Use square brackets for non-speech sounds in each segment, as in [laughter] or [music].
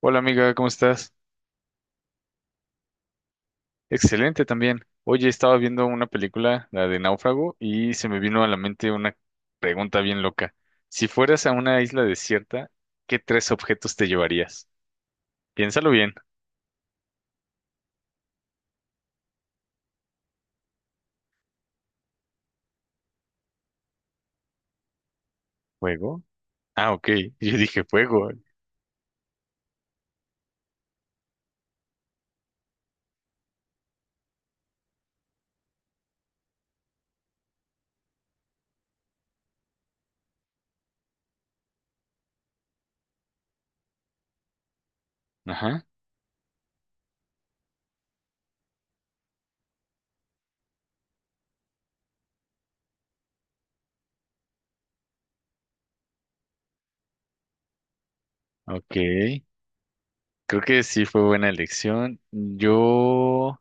Hola amiga, ¿cómo estás? Excelente también. Oye, estaba viendo una película, la de Náufrago, y se me vino a la mente una pregunta bien loca. Si fueras a una isla desierta, ¿qué tres objetos te llevarías? Piénsalo bien. ¿Fuego? Ah, ok. [laughs] Yo dije fuego. Ajá. Ok. Creo que sí fue buena elección. Yo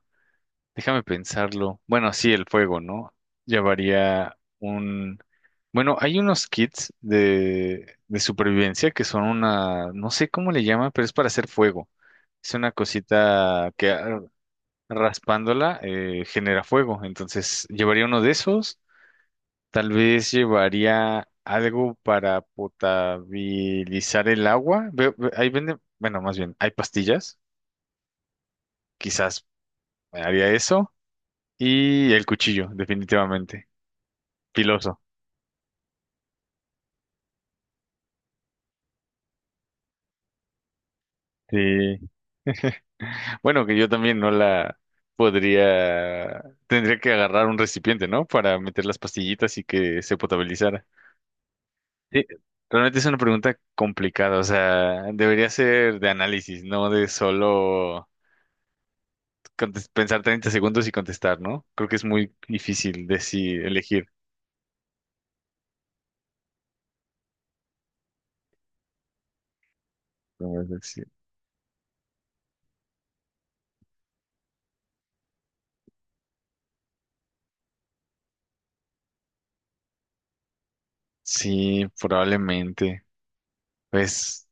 déjame pensarlo. Bueno, sí, el fuego, ¿no? Llevaría un... Bueno, hay unos kits de supervivencia que son una... No sé cómo le llaman, pero es para hacer fuego. Es una cosita que raspándola genera fuego. Entonces, llevaría uno de esos. Tal vez llevaría algo para potabilizar el agua. Ahí venden... Bueno, más bien, hay pastillas. Quizás haría eso. Y el cuchillo, definitivamente. Piloso. Sí. Bueno, que yo también no la podría, tendría que agarrar un recipiente, ¿no? Para meter las pastillitas y que se potabilizara. Sí, realmente es una pregunta complicada, o sea, debería ser de análisis, no de solo pensar 30 segundos y contestar, ¿no? Creo que es muy difícil decir, elegir. Sí, sí, probablemente. Pues,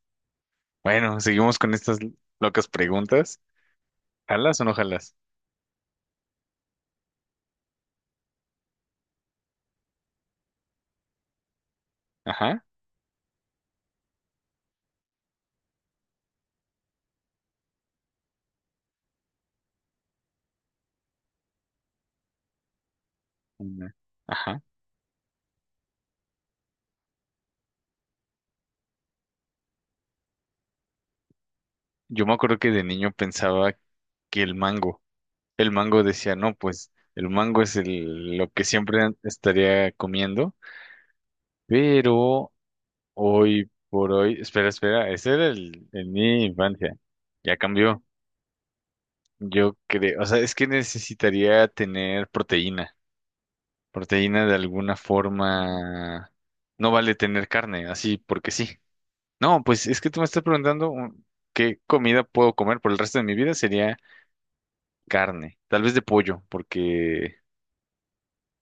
bueno, seguimos con estas locas preguntas. ¿Jalas o no jalas? Ajá. Una. Ajá. Yo me acuerdo que de niño pensaba que el mango decía, no, pues el mango es el, lo que siempre estaría comiendo, pero hoy por hoy, espera, espera, ese era el, en mi infancia, ya cambió. Yo creo, o sea, es que necesitaría tener proteína, proteína de alguna forma, no vale tener carne, así porque sí. No, pues es que tú me estás preguntando qué comida puedo comer por el resto de mi vida, sería carne, tal vez de pollo, porque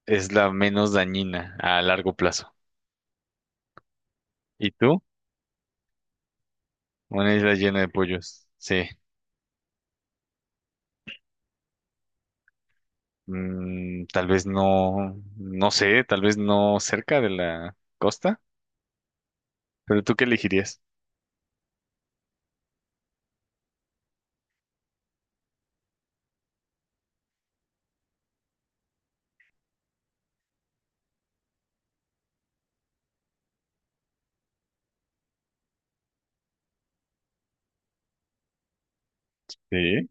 es la menos dañina a largo plazo. ¿Y tú? Una isla llena de pollos. Sí. Mm, tal vez no, no sé, tal vez no cerca de la costa, pero ¿tú qué elegirías? Sí.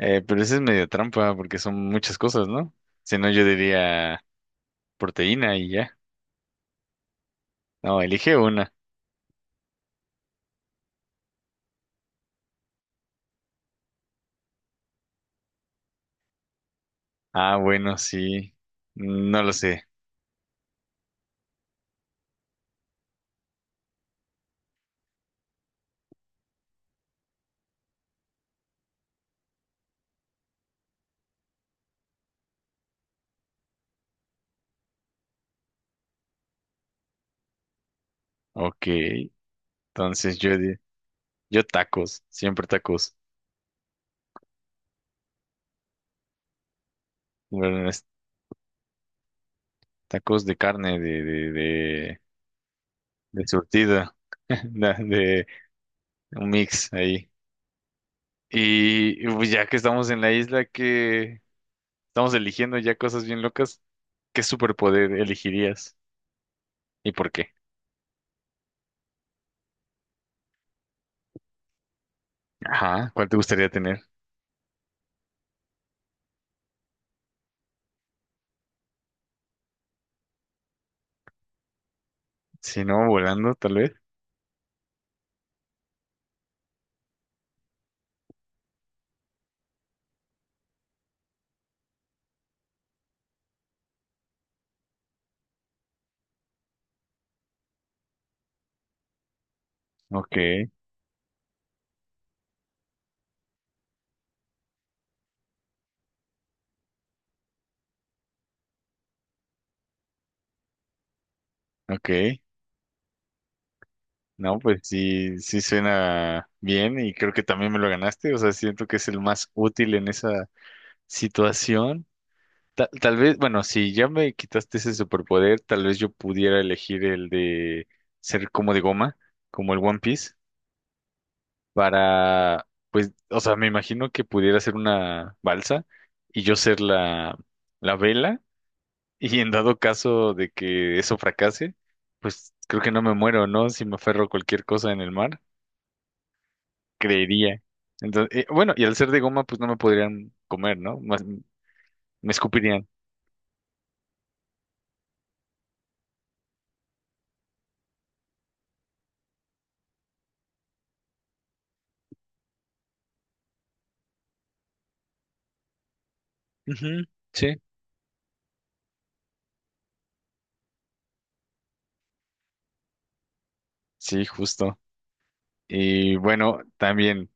Pero esa es medio trampa porque son muchas cosas, ¿no? Si no, yo diría proteína y ya. No, elige una. Ah, bueno, sí. No lo sé. Ok. Entonces yo, yo tacos, siempre tacos. Bueno, tacos de carne, de surtida, [laughs] de un mix ahí. Y, pues, ya que estamos en la isla, que estamos eligiendo ya cosas bien locas, ¿qué superpoder elegirías? ¿Y por qué? Ajá, ¿cuál te gustaría tener? Si no, volando, tal vez. Ok, ok. No, pues sí, sí suena bien y creo que también me lo ganaste. O sea, siento que es el más útil en esa situación. Tal vez, bueno, si ya me quitaste ese superpoder, tal vez yo pudiera elegir el de ser como de goma, como el One Piece, para, pues, o sea, me imagino que pudiera ser una balsa y yo ser la, la vela y en dado caso de que eso fracase, pues creo que no me muero, ¿no? Si me aferro a cualquier cosa en el mar, creería. Entonces, bueno, y al ser de goma, pues no me podrían comer, ¿no? Más- me escupirían. Ujú, sí. Sí, justo. Y bueno, también,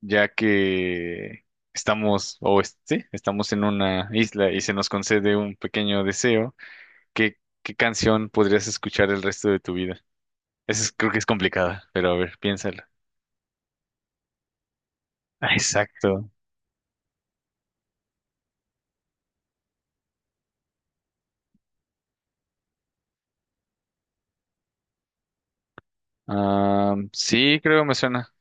ya que estamos, sí, estamos en una isla y se nos concede un pequeño deseo, ¿qué canción podrías escuchar el resto de tu vida? Esa es- creo que es complicada, pero a ver, piénsala. Ah, exacto. Ah, sí, creo me suena.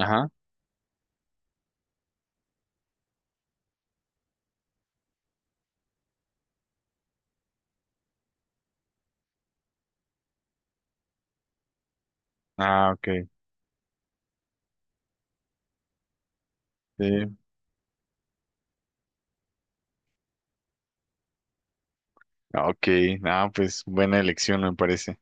Ajá. Ah, ok. Sí. Ok. Ah, pues buena elección me parece.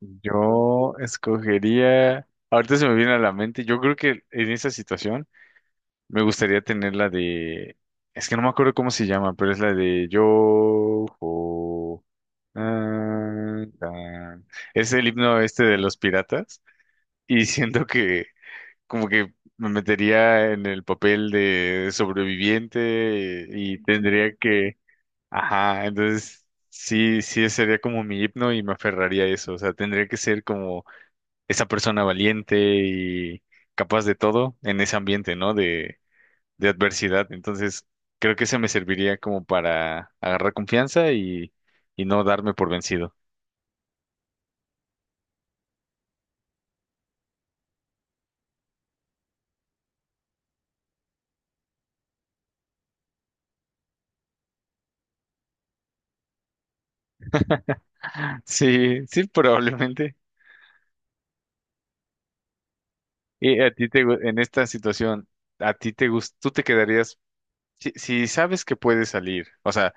Yo escogería. Ahorita se me viene a la mente. Yo creo que en esa situación. Me gustaría tener la de. Es que no me acuerdo cómo se llama, pero es la de yo. Jo, ah, tan. Es el himno este de los piratas. Y [laughs] siento que como que me metería en el papel de sobreviviente y tendría que. Ajá, entonces sí, sí sería como mi himno y me aferraría a eso. O sea, tendría que ser como esa persona valiente y capaz de todo en ese ambiente, ¿no? De adversidad. Entonces, creo que eso me serviría como para agarrar confianza y no darme por vencido. [laughs] Sí, sí, probablemente. Y a ti te, en esta situación, a ti te gusta, tú te quedarías, si, si sabes que puedes salir, o sea,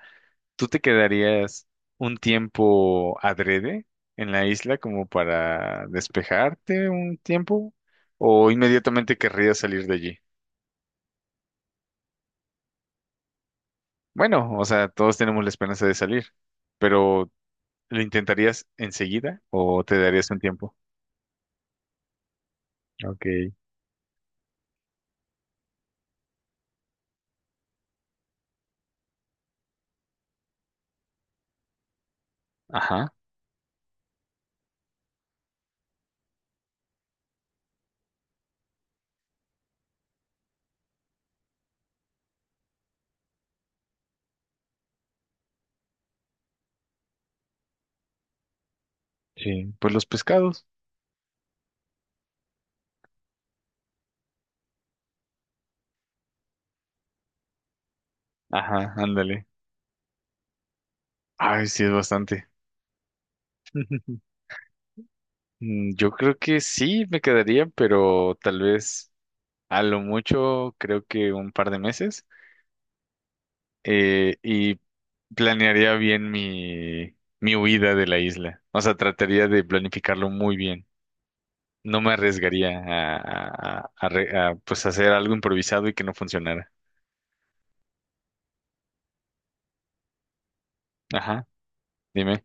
tú te quedarías un tiempo adrede en la isla como para despejarte un tiempo o inmediatamente querrías salir de allí. Bueno, o sea, todos tenemos la esperanza de salir, pero ¿lo intentarías enseguida o te darías un tiempo? Ok. Ajá. Sí. Pues los pescados. Ajá, ándale. Ay, sí, es bastante. [laughs] Mm, yo creo que sí me quedaría, pero tal vez a lo mucho creo que un par de meses y planearía bien mi, mi huida de la isla. O sea, trataría de planificarlo muy bien. No me arriesgaría a, pues hacer algo improvisado y que no funcionara. Ajá, dime.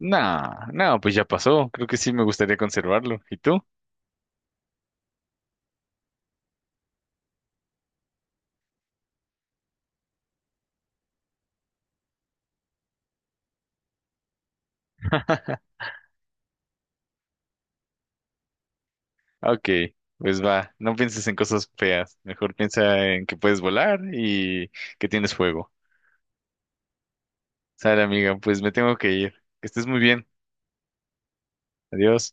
Nah, no, pues ya pasó. Creo que sí me gustaría conservarlo. ¿Y tú? [laughs] Ok, pues va. No pienses en cosas feas. Mejor piensa en que puedes volar y que tienes fuego. Sale, amiga, pues me tengo que ir. Que estés muy bien. Adiós.